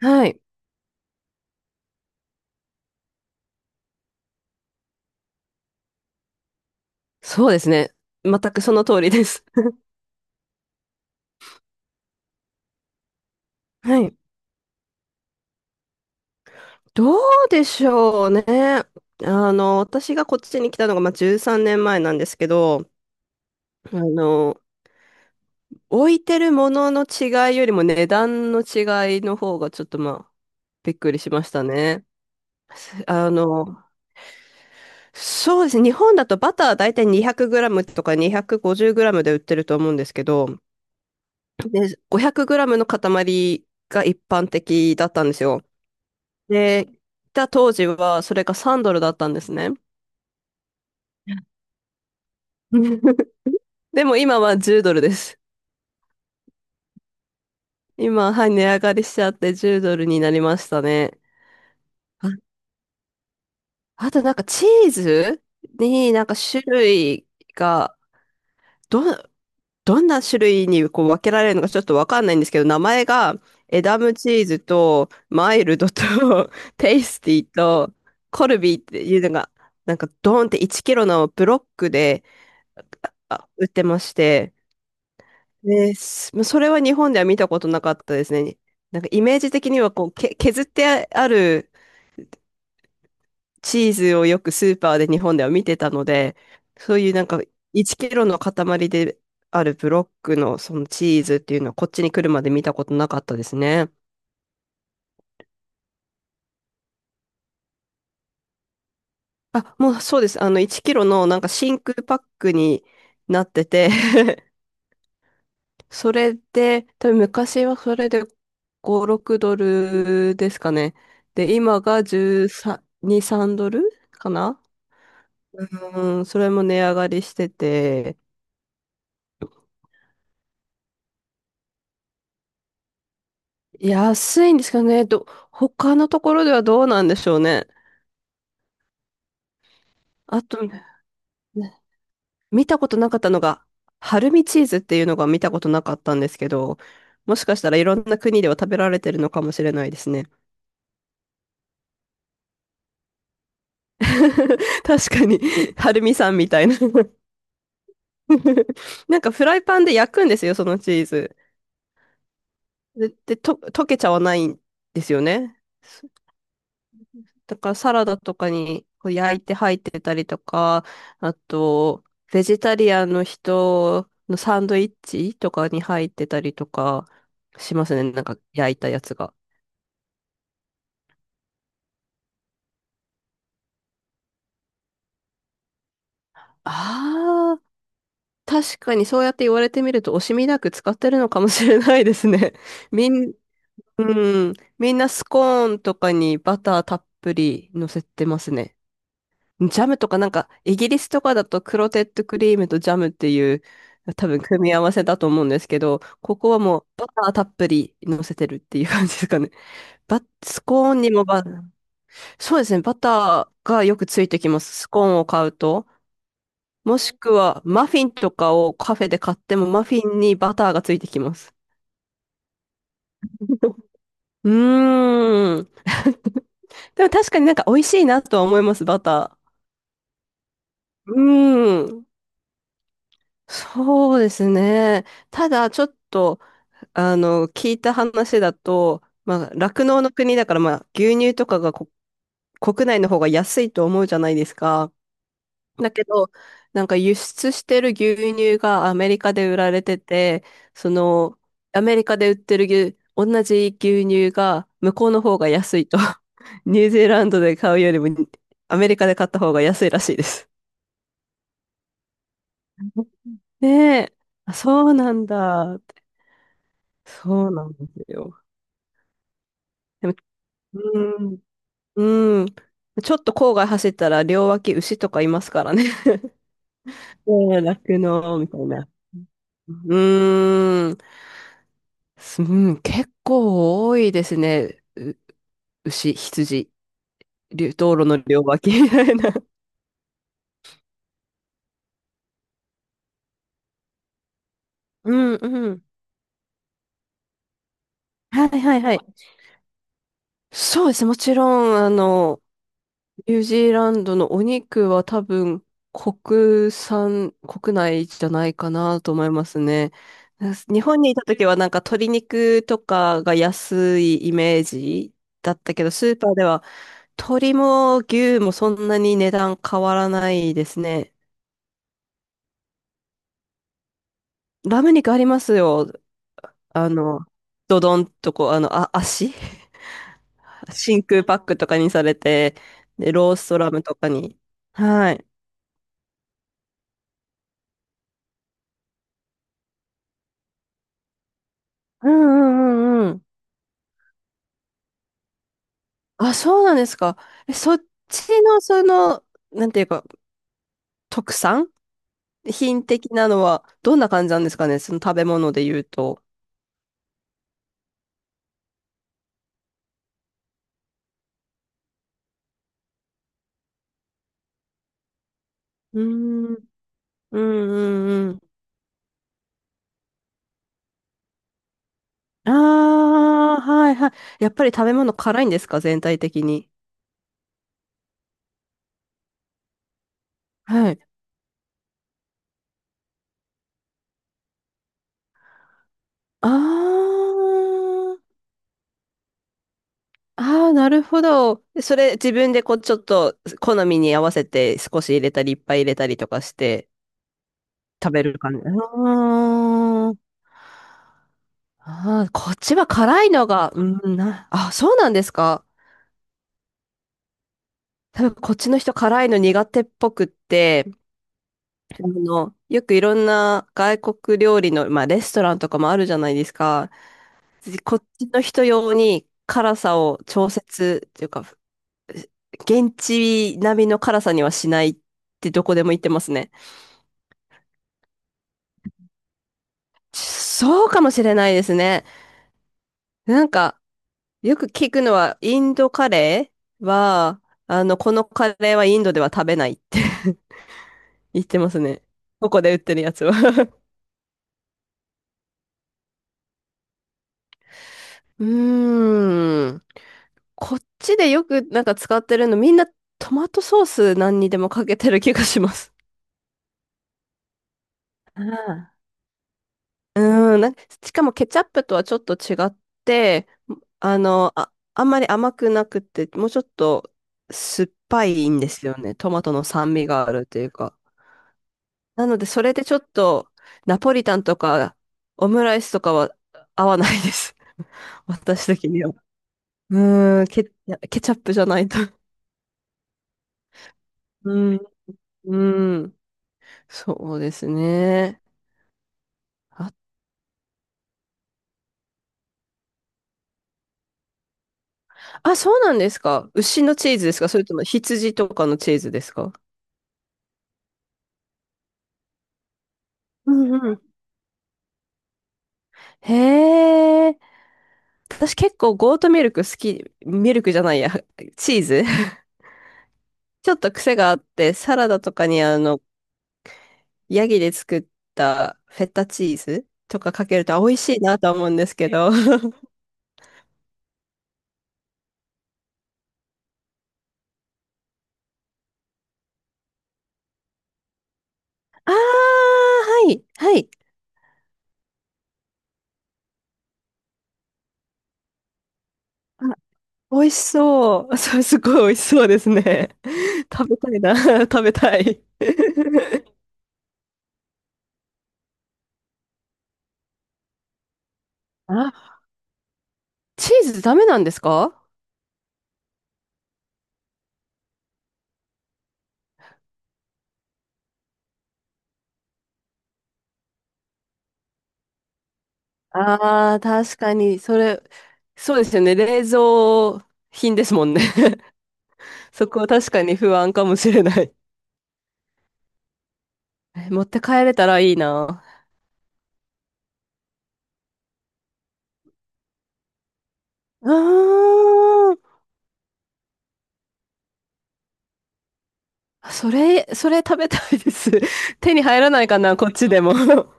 はい。そうですね。全くその通りです。はい。どうでしょうね。私がこっちに来たのが、まあ、13年前なんですけど、あの、置いてるものの違いよりも値段の違いの方がちょっとまあ、びっくりしましたね。あの、そうですね。日本だとバター大体2 0 0ムとか2 5 0ムで売ってると思うんですけど、で、5 0 0ムの塊が一般的だったんですよ。で、来た当時はそれが3ドルだったんですね。でも今は10ドルです。今、はい、値上がりしちゃって10ドルになりましたね。あ、あとなんかチーズになんか種類が、ど、どんな種類にこう分けられるのかちょっとわかんないんですけど、名前がエダムチーズとマイルドと テイスティとコルビーっていうのが、なんかドーンって1キロのブロックで売ってまして、です。まあそれは日本では見たことなかったですね。なんかイメージ的にはこう、削ってあるチーズをよくスーパーで日本では見てたので、そういうなんか1キロの塊であるブロックのそのチーズっていうのはこっちに来るまで見たことなかったですね。あ、もうそうです。あの1キロのなんか真空パックになってて、それで、多分昔はそれで5、6ドルですかね。で、今が13、3ドルかな。うん、それも値上がりしてて、安いんですかね。他のところではどうなんでしょうね。あと、ね、見たことなかったのが、春見チーズっていうのが見たことなかったんですけど、もしかしたらいろんな国では食べられてるのかもしれないですね。確かに、春見さんみたいな。 なんかフライパンで焼くんですよ、そのチーズ。で、溶けちゃわないんですよね。だからサラダとかにこう焼いて入ってたりとか、あと、ベジタリアンの人のサンドイッチとかに入ってたりとかしますね、なんか焼いたやつが。ああ、確かにそうやって言われてみると惜しみなく使ってるのかもしれないですね。みん、うん、みんなスコーンとかにバターたっぷり乗せてますね。ジャムとかなんか、イギリスとかだとクロテッドクリームとジャムっていう、多分組み合わせだと思うんですけど、ここはもうバターたっぷり乗せてるっていう感じですかね。スコーンにもそうですね、バターがよくついてきます。スコーンを買うと。もしくはマフィンとかをカフェで買ってもマフィンにバターがついてきます。うーん。でも確かになんか美味しいなとは思います、バター。うーん。そうですね。ただ、ちょっと、聞いた話だと、まあ、酪農の国だから、まあ、牛乳とかが国内の方が安いと思うじゃないですか。だけど、なんか輸出してる牛乳がアメリカで売られてて、その、アメリカで売ってる牛、同じ牛乳が向こうの方が安いと。ニュージーランドで買うよりも、アメリカで買った方が安いらしいです。ねえ。あ、そうなんだ。そうなんですよ。でも、うん、うん。ちょっと郊外走ったら両脇牛とかいますからね。ねえ、酪農みたいな。うーん、うん、結構多いですね。牛、羊、道路の両脇みたいな。うんうん。はいはいはい。そうですね、もちろん、ニュージーランドのお肉は多分国産、国内じゃないかなと思いますね。日本にいた時はなんか鶏肉とかが安いイメージだったけど、スーパーでは鶏も牛もそんなに値段変わらないですね。ラム肉ありますよ。あの、ドドンとこう、あ、足 真空パックとかにされて、で、ローストラムとかに。はい。うんうんうんうん。あ、そうなんですか。え、そっちの、その、なんていうか、特産品的なのは、どんな感じなんですかね、その食べ物で言うと。うーん、うん、うん、うん。ああ、はい、はい。やっぱり食べ物辛いんですか、全体的に。はい。ああ、ああ、なるほど。それ、自分でこう、ちょっと、好みに合わせて、少し入れたり、いっぱい入れたりとかして、食べる感じ。ああ。ああ、こっちは辛いのが、うん、な、あ、そうなんですか。多分こっちの人辛いの苦手っぽくって、よくいろんな外国料理の、まあレストランとかもあるじゃないですか。こっちの人用に辛さを調節っていうか、現地並みの辛さにはしないってどこでも言ってますね。そうかもしれないですね。なんか、よく聞くのは、インドカレーは、このカレーはインドでは食べないって。言ってますね。ここで売ってるやつは。 うーん。こっちでよくなんか使ってるの、みんなトマトソース何にでもかけてる気がします。ああ、うーん。なんかしかもケチャップとはちょっと違って、あ、あんまり甘くなくて、もうちょっと酸っぱいんですよね。トマトの酸味があるというか。なので、それでちょっとナポリタンとかオムライスとかは合わないです。私的には。うーん、いやケチャップじゃないと。うん、うん。そうですね。あ、あ、そうなんですか。牛のチーズですか、それとも羊とかのチーズですか。うんうん。へえ。私結構ゴートミルク好き、ミルクじゃないや、チーズ。ちょっと癖があって、サラダとかにヤギで作ったフェッタチーズとかかけると美味しいなと思うんですけど。ああ、はい、はい。美味しそう。それすごい美味しそうですね。食べたいな。食べたい。あ、チーズダメなんですか。ああー、確かに、それ、そうですよね。冷蔵品ですもんね。そこは確かに不安かもしれない。え、持って帰れたらいいな。うーん。それ食べたいです。手に入らないかな、こっちでも。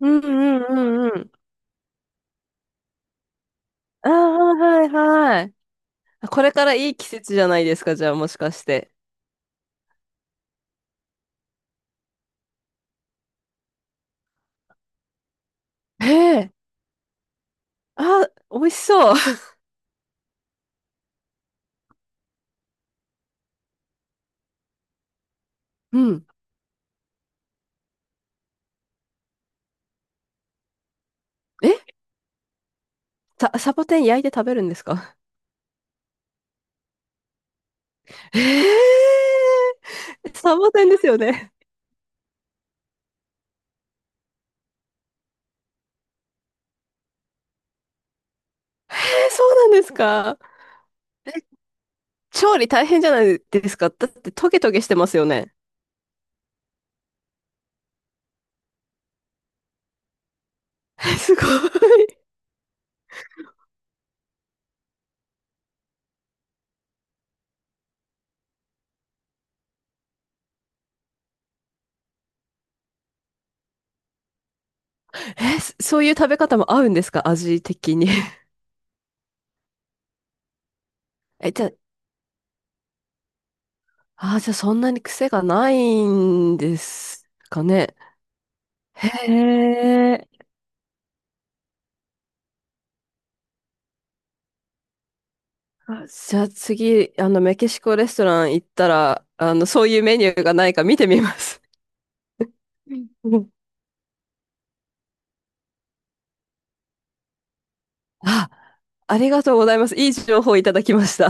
うんうんうんうん。ああ、はいはい。これからいい季節じゃないですか、じゃあもしかして。へえ、あ、美味しそう。うん。え、サボテン焼いて食べるんですか。へえ、サボテンですよね。へえ、そうなんですか。調理大変じゃないですか。だってトゲトゲしてますよね。え、すごい。え、そういう食べ方も合うんですか、味的に。え、じゃあ、そんなに癖がないんですかね。へえ。あ、じゃあ次、メキシコレストラン行ったら、そういうメニューがないか見てみます。うんうん。 あ、ありがとうございます。いい情報いただきました。